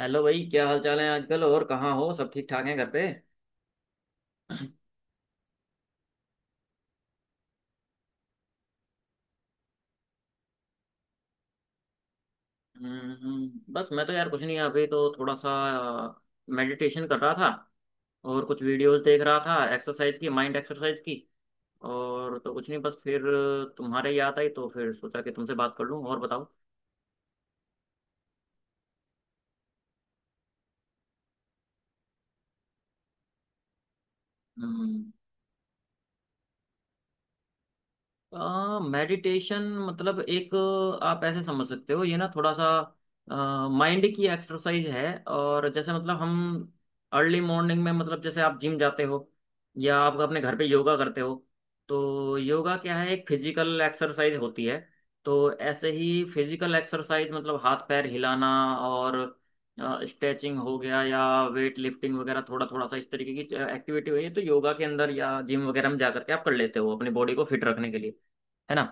Hello भाई, क्या हाल चाल है आजकल? और कहाँ हो? सब ठीक ठाक हैं घर पे? हम्म, बस मैं तो यार कुछ नहीं, अभी तो थोड़ा सा मेडिटेशन कर रहा था और कुछ वीडियोस देख रहा था, एक्सरसाइज की, माइंड एक्सरसाइज की। और तो कुछ नहीं, बस फिर तुम्हारे याद आई तो फिर सोचा कि तुमसे बात कर लूँ। और बताओ। हम्म। मेडिटेशन मतलब एक आप ऐसे समझ सकते हो, ये ना थोड़ा सा माइंड की एक्सरसाइज है। और जैसे मतलब हम अर्ली मॉर्निंग में, मतलब जैसे आप जिम जाते हो या आप अपने घर पे योगा करते हो। तो योगा क्या है? एक फिजिकल एक्सरसाइज होती है। तो ऐसे ही फिजिकल एक्सरसाइज मतलब हाथ पैर हिलाना और स्ट्रेचिंग हो गया या वेट लिफ्टिंग वगैरह, थोड़ा थोड़ा सा इस तरीके की एक्टिविटी हुई है तो योगा के अंदर या जिम वगैरह में जा करके आप कर लेते हो अपनी बॉडी को फिट रखने के लिए। है ना?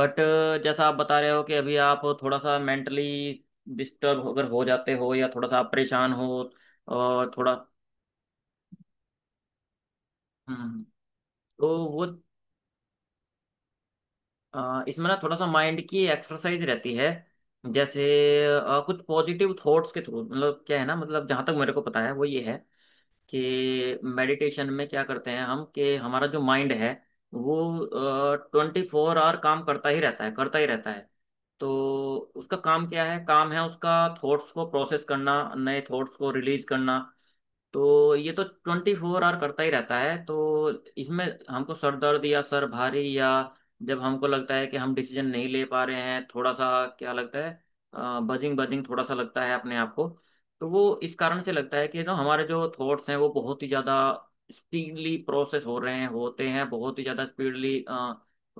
बट जैसा आप बता रहे हो कि अभी आप थोड़ा सा मेंटली डिस्टर्ब अगर हो जाते हो या थोड़ा सा आप परेशान हो और थोड़ा, हम्म, तो वो इसमें ना थोड़ा सा माइंड की एक्सरसाइज रहती है। जैसे कुछ पॉजिटिव थॉट्स के थ्रू, मतलब क्या है ना, मतलब जहाँ तक मेरे को पता है वो ये है कि मेडिटेशन में क्या करते हैं हम, कि हमारा जो माइंड है वो 24 hour काम करता ही रहता है, करता ही रहता है। तो उसका काम क्या है? काम है उसका थॉट्स को प्रोसेस करना, नए थॉट्स को रिलीज करना। तो ये तो 24 hour करता ही रहता है। तो इसमें हमको सर दर्द या सर भारी, या जब हमको लगता है कि हम डिसीजन नहीं ले पा रहे हैं, थोड़ा सा क्या लगता है, बजिंग बजिंग थोड़ा सा लगता है अपने आप को, तो वो इस कारण से लगता है कि जो हमारे जो थॉट्स हैं वो बहुत ही ज़्यादा स्पीडली प्रोसेस हो रहे हैं, होते हैं बहुत ही ज़्यादा स्पीडली।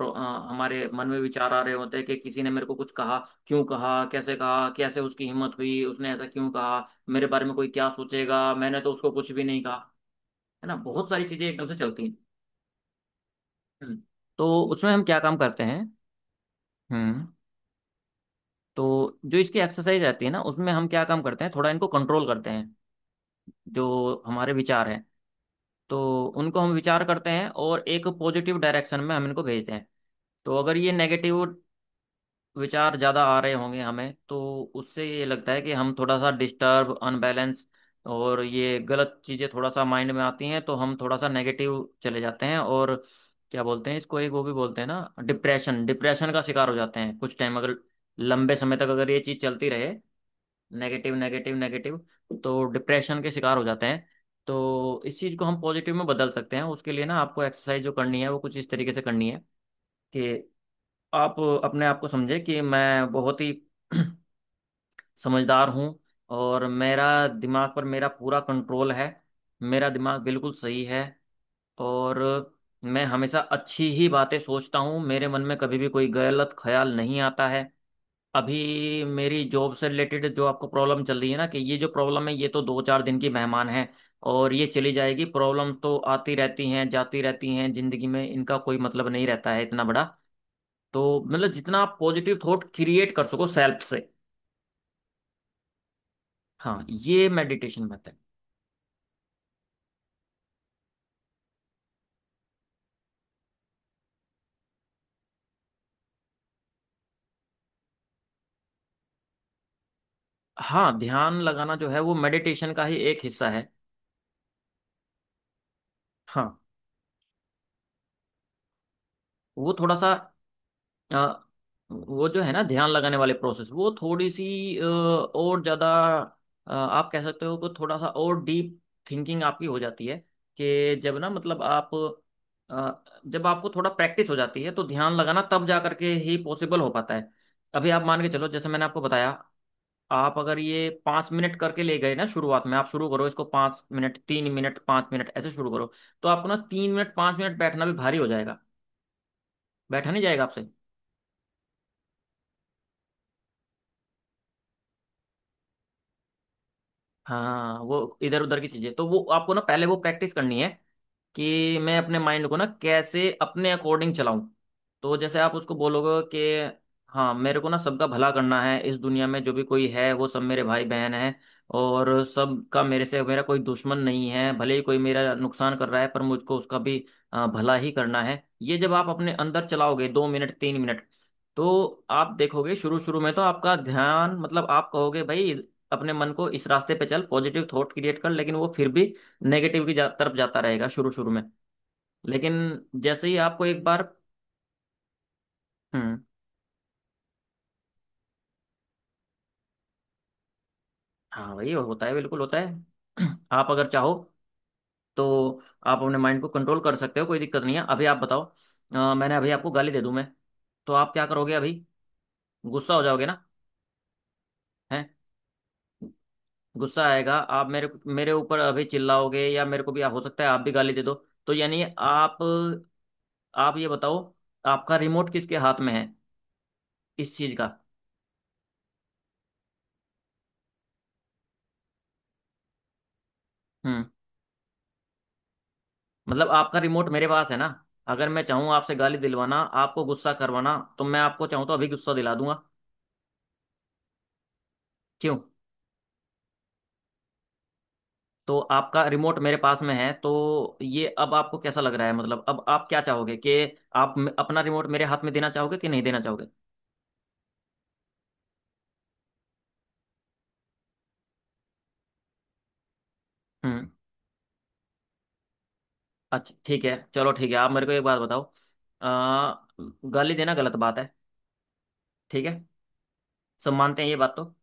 हमारे मन में विचार आ रहे होते हैं कि किसी ने मेरे को कुछ कहा, क्यों कहा, कैसे कहा, कैसे उसकी हिम्मत हुई, उसने ऐसा क्यों कहा, मेरे बारे में कोई क्या सोचेगा, मैंने तो उसको कुछ भी नहीं कहा। है ना, बहुत सारी चीजें एकदम से चलती हैं। हम्म, तो उसमें हम क्या काम करते हैं। हम्म। तो जो इसकी एक्सरसाइज रहती है ना, उसमें हम क्या काम करते हैं, थोड़ा इनको कंट्रोल करते हैं, जो हमारे विचार हैं। तो उनको हम विचार करते हैं और एक पॉजिटिव डायरेक्शन में हम इनको भेजते हैं। तो अगर ये नेगेटिव विचार ज़्यादा आ रहे होंगे हमें, तो उससे ये लगता है कि हम थोड़ा सा डिस्टर्ब, अनबैलेंस और ये गलत चीज़ें थोड़ा सा माइंड में आती हैं तो हम थोड़ा सा नेगेटिव चले जाते हैं और क्या बोलते हैं इसको, एक वो भी बोलते हैं ना, डिप्रेशन, डिप्रेशन का शिकार हो जाते हैं कुछ टाइम अगर, लंबे समय तक अगर ये चीज़ चलती रहे, नेगेटिव नेगेटिव नेगेटिव, तो डिप्रेशन के शिकार हो जाते हैं। तो इस चीज़ को हम पॉजिटिव में बदल सकते हैं, उसके लिए ना आपको एक्सरसाइज जो करनी है वो कुछ इस तरीके से करनी है कि आप अपने आप को समझे कि मैं बहुत ही समझदार हूँ और मेरा दिमाग पर मेरा पूरा कंट्रोल है। मेरा दिमाग बिल्कुल सही है और मैं हमेशा अच्छी ही बातें सोचता हूँ, मेरे मन में कभी भी कोई गलत ख्याल नहीं आता है। अभी मेरी जॉब से रिलेटेड जो आपको प्रॉब्लम चल रही है ना, कि ये जो प्रॉब्लम है ये तो दो चार दिन की मेहमान है और ये चली जाएगी। प्रॉब्लम तो आती रहती हैं जाती रहती हैं जिंदगी में, इनका कोई मतलब नहीं रहता है इतना बड़ा। तो मतलब जितना आप पॉजिटिव थॉट क्रिएट कर सको सेल्फ से, हाँ ये मेडिटेशन मेथड। हाँ, ध्यान लगाना जो है वो मेडिटेशन का ही एक हिस्सा है। हाँ। वो थोड़ा सा अ, वो जो है ना ध्यान लगाने वाले प्रोसेस, वो थोड़ी सी और ज्यादा आप कह सकते हो कि थोड़ा सा और डीप थिंकिंग आपकी हो जाती है। कि जब ना मतलब आप जब आपको थोड़ा प्रैक्टिस हो जाती है तो ध्यान लगाना तब जा करके ही पॉसिबल हो पाता है। अभी आप मान के चलो, जैसे मैंने आपको बताया, आप अगर ये 5 मिनट करके ले गए ना शुरुआत में, आप शुरू करो इसको 5 मिनट, 3 मिनट 5 मिनट, ऐसे शुरू करो। तो आपको ना 3 मिनट 5 मिनट बैठना भी भारी हो जाएगा, बैठा नहीं जाएगा आपसे। हाँ, वो इधर उधर की चीजें, तो वो आपको ना पहले वो प्रैक्टिस करनी है कि मैं अपने माइंड को ना कैसे अपने अकॉर्डिंग चलाऊं। तो जैसे आप उसको बोलोगे कि हाँ मेरे को ना सबका भला करना है, इस दुनिया में जो भी कोई है वो सब मेरे भाई बहन है और सबका मेरे से, मेरा कोई दुश्मन नहीं है, भले ही कोई मेरा नुकसान कर रहा है पर मुझको उसका भी भला ही करना है। ये जब आप अपने अंदर चलाओगे 2 मिनट 3 मिनट, तो आप देखोगे शुरू शुरू में तो आपका ध्यान, मतलब आप कहोगे भाई अपने मन को इस रास्ते पे चल, पॉजिटिव थॉट क्रिएट कर, लेकिन वो फिर भी नेगेटिव की तरफ जाता रहेगा शुरू शुरू में। लेकिन जैसे ही आपको एक बार, हम्म, हाँ वही होता है, बिल्कुल होता है। आप अगर चाहो तो आप अपने माइंड को कंट्रोल कर सकते हो, कोई दिक्कत नहीं है। अभी आप बताओ, मैंने अभी आपको गाली दे दूं मैं, तो आप क्या करोगे अभी? गुस्सा हो जाओगे ना। है, गुस्सा आएगा, आप मेरे मेरे ऊपर अभी चिल्लाओगे या मेरे को भी, हो सकता है आप भी गाली दे दो। तो यानी आप ये बताओ आपका रिमोट किसके हाथ में है, इस चीज का? हम्म। मतलब आपका रिमोट मेरे पास है ना, अगर मैं चाहूँ आपसे गाली दिलवाना, आपको गुस्सा करवाना, तो मैं आपको चाहूँ तो अभी गुस्सा दिला दूंगा। क्यों? तो आपका रिमोट मेरे पास में है तो ये अब आपको कैसा लग रहा है? मतलब अब आप क्या चाहोगे कि आप अपना रिमोट मेरे हाथ में देना चाहोगे कि नहीं देना चाहोगे? हम्म। अच्छा, ठीक है, चलो ठीक है, आप मेरे को एक बात बताओ, आ, गाली देना गलत बात है, ठीक है? सब मानते हैं ये बात तो।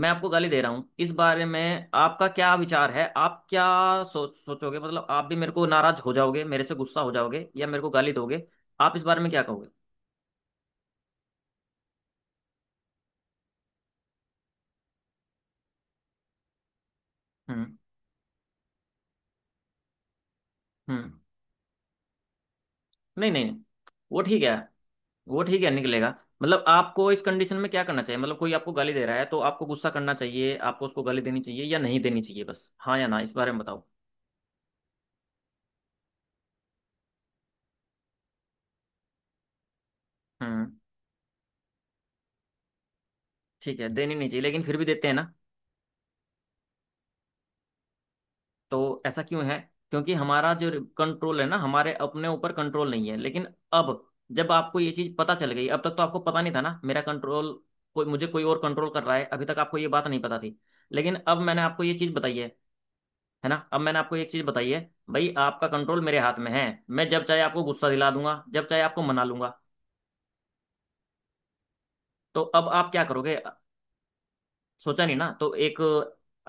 मैं आपको गाली दे रहा हूँ, इस बारे में आपका क्या विचार है, आप क्या सोचोगे, मतलब आप भी मेरे को नाराज हो जाओगे, मेरे से गुस्सा हो जाओगे या मेरे को गाली दोगे? आप इस बारे में क्या कहोगे? हम्म हम्म नहीं नहीं नहीं। वो ठीक है, वो ठीक है निकलेगा। मतलब आपको इस कंडीशन में क्या करना चाहिए, मतलब कोई आपको गाली दे रहा है तो आपको गुस्सा करना चाहिए, आपको उसको गाली देनी चाहिए या नहीं देनी चाहिए? बस हाँ या ना इस बारे में बताओ। हम्म ठीक है, देनी नहीं चाहिए, लेकिन फिर भी देते हैं ना, तो ऐसा क्यों है? क्योंकि हमारा जो कंट्रोल है ना, हमारे अपने ऊपर कंट्रोल नहीं है। लेकिन अब जब आपको ये चीज पता चल गई, अब तक तो आपको पता नहीं था ना, मेरा कंट्रोल, कोई मुझे, कोई और कंट्रोल कर रहा है, अभी तक आपको ये बात नहीं पता थी। लेकिन अब मैंने आपको ये चीज बताई है ना? अब मैंने आपको एक चीज बताई है, भाई आपका कंट्रोल मेरे हाथ में है। मैं जब चाहे आपको गुस्सा दिला दूंगा, जब चाहे आपको मना लूंगा। तो अब आप क्या करोगे? सोचा नहीं ना। तो एक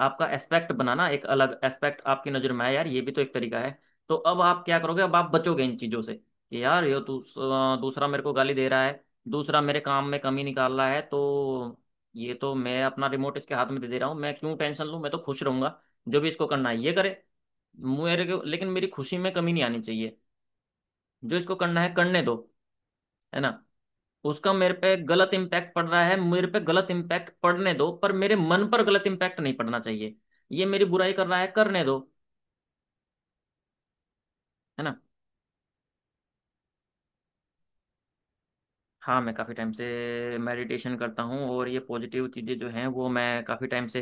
आपका एस्पेक्ट बनाना, एक अलग एस्पेक्ट आपकी नजर में आया यार, ये भी तो एक तरीका है। तो अब आप क्या करोगे, अब आप बचोगे इन चीजों से कि यार ये दूसरा मेरे को गाली दे रहा है, दूसरा मेरे काम में कमी निकाल रहा है, तो ये तो मैं अपना रिमोट इसके हाथ में दे दे रहा हूँ, मैं क्यों टेंशन लूँ, मैं तो खुश रहूंगा, जो भी इसको करना है ये करे, मेरे को लेकिन मेरी खुशी में कमी नहीं आनी चाहिए। जो इसको करना है करने दो, है ना। उसका मेरे पे गलत इम्पैक्ट पड़ रहा है, मेरे पे गलत इम्पैक्ट पड़ने दो, पर मेरे मन पर गलत इम्पैक्ट नहीं पड़ना चाहिए। ये मेरी बुराई कर रहा है, करने दो, है ना। हाँ, मैं काफ़ी टाइम से मेडिटेशन करता हूँ और ये पॉजिटिव चीज़ें जो हैं वो मैं काफ़ी टाइम से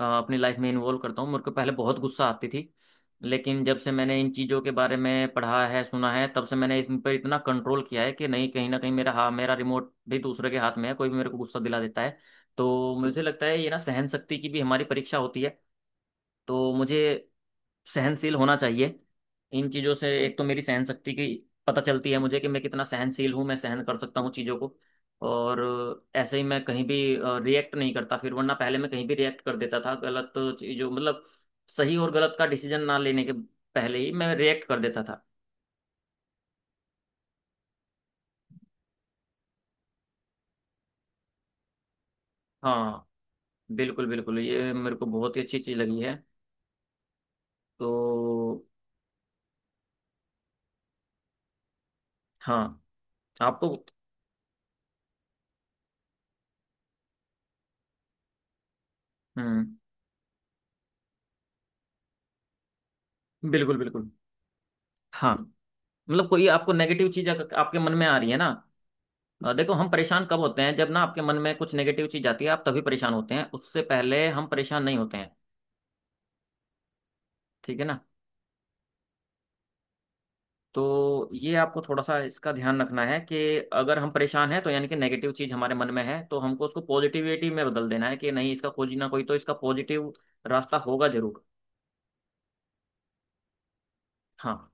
अपनी लाइफ में इन्वॉल्व करता हूँ। मेरे को पहले बहुत गुस्सा आती थी, लेकिन जब से मैंने इन चीज़ों के बारे में पढ़ा है सुना है, तब से मैंने इन पर इतना कंट्रोल किया है कि नहीं, कहीं ना कहीं मेरा, हाँ मेरा रिमोट भी दूसरे के हाथ में है, कोई भी मेरे को गुस्सा दिला देता है। तो मुझे लगता है ये ना सहन शक्ति की भी हमारी परीक्षा होती है। तो मुझे सहनशील होना चाहिए इन चीज़ों से, एक तो मेरी सहन शक्ति की पता चलती है मुझे कि मैं कितना सहनशील हूँ, मैं सहन कर सकता हूँ चीज़ों को। और ऐसे ही मैं कहीं भी रिएक्ट नहीं करता फिर, वरना पहले मैं कहीं भी रिएक्ट कर देता था गलत चीज़ों, मतलब सही और गलत का डिसीजन ना लेने के पहले ही मैं रिएक्ट कर देता था। हाँ बिल्कुल बिल्कुल, ये मेरे को बहुत ही अच्छी चीज़ लगी है। तो हाँ, आपको, हम्म, बिल्कुल बिल्कुल। हाँ, मतलब कोई आपको नेगेटिव चीज़ अगर आपके मन में आ रही है ना, देखो हम परेशान कब होते हैं, जब ना आपके मन में कुछ नेगेटिव चीज आती है आप तभी परेशान होते हैं, उससे पहले हम परेशान नहीं होते हैं, ठीक है ना? तो ये आपको थोड़ा सा इसका ध्यान रखना है कि अगर हम परेशान हैं तो यानी कि नेगेटिव चीज हमारे मन में है, तो हमको उसको पॉजिटिविटी में बदल देना है, कि नहीं, इसका कोई ना कोई तो इसका पॉजिटिव रास्ता होगा जरूर। हाँ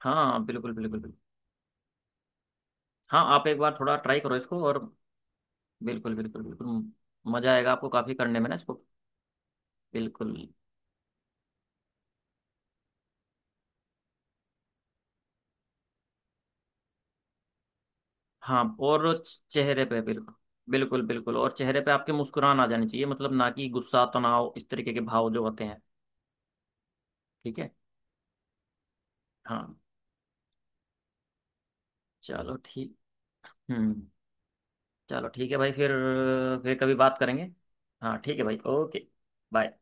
हाँ, बिल्कुल बिल्कुल बिल्कुल। हाँ, आप एक बार थोड़ा ट्राई करो इसको और बिल्कुल बिल्कुल बिल्कुल, मजा आएगा आपको काफी करने में ना इसको। बिल्कुल। हाँ, और वो चेहरे पे, बिल्कुल बिल्कुल बिल्कुल और चेहरे पे आपके मुस्कुराहट आ जानी चाहिए, मतलब ना कि गुस्सा, तनाव, इस तरीके के भाव जो होते हैं। ठीक है। हाँ चलो ठीक। हम्म। चलो ठीक है भाई फिर कभी बात करेंगे। हाँ ठीक है भाई, ओके, बाय।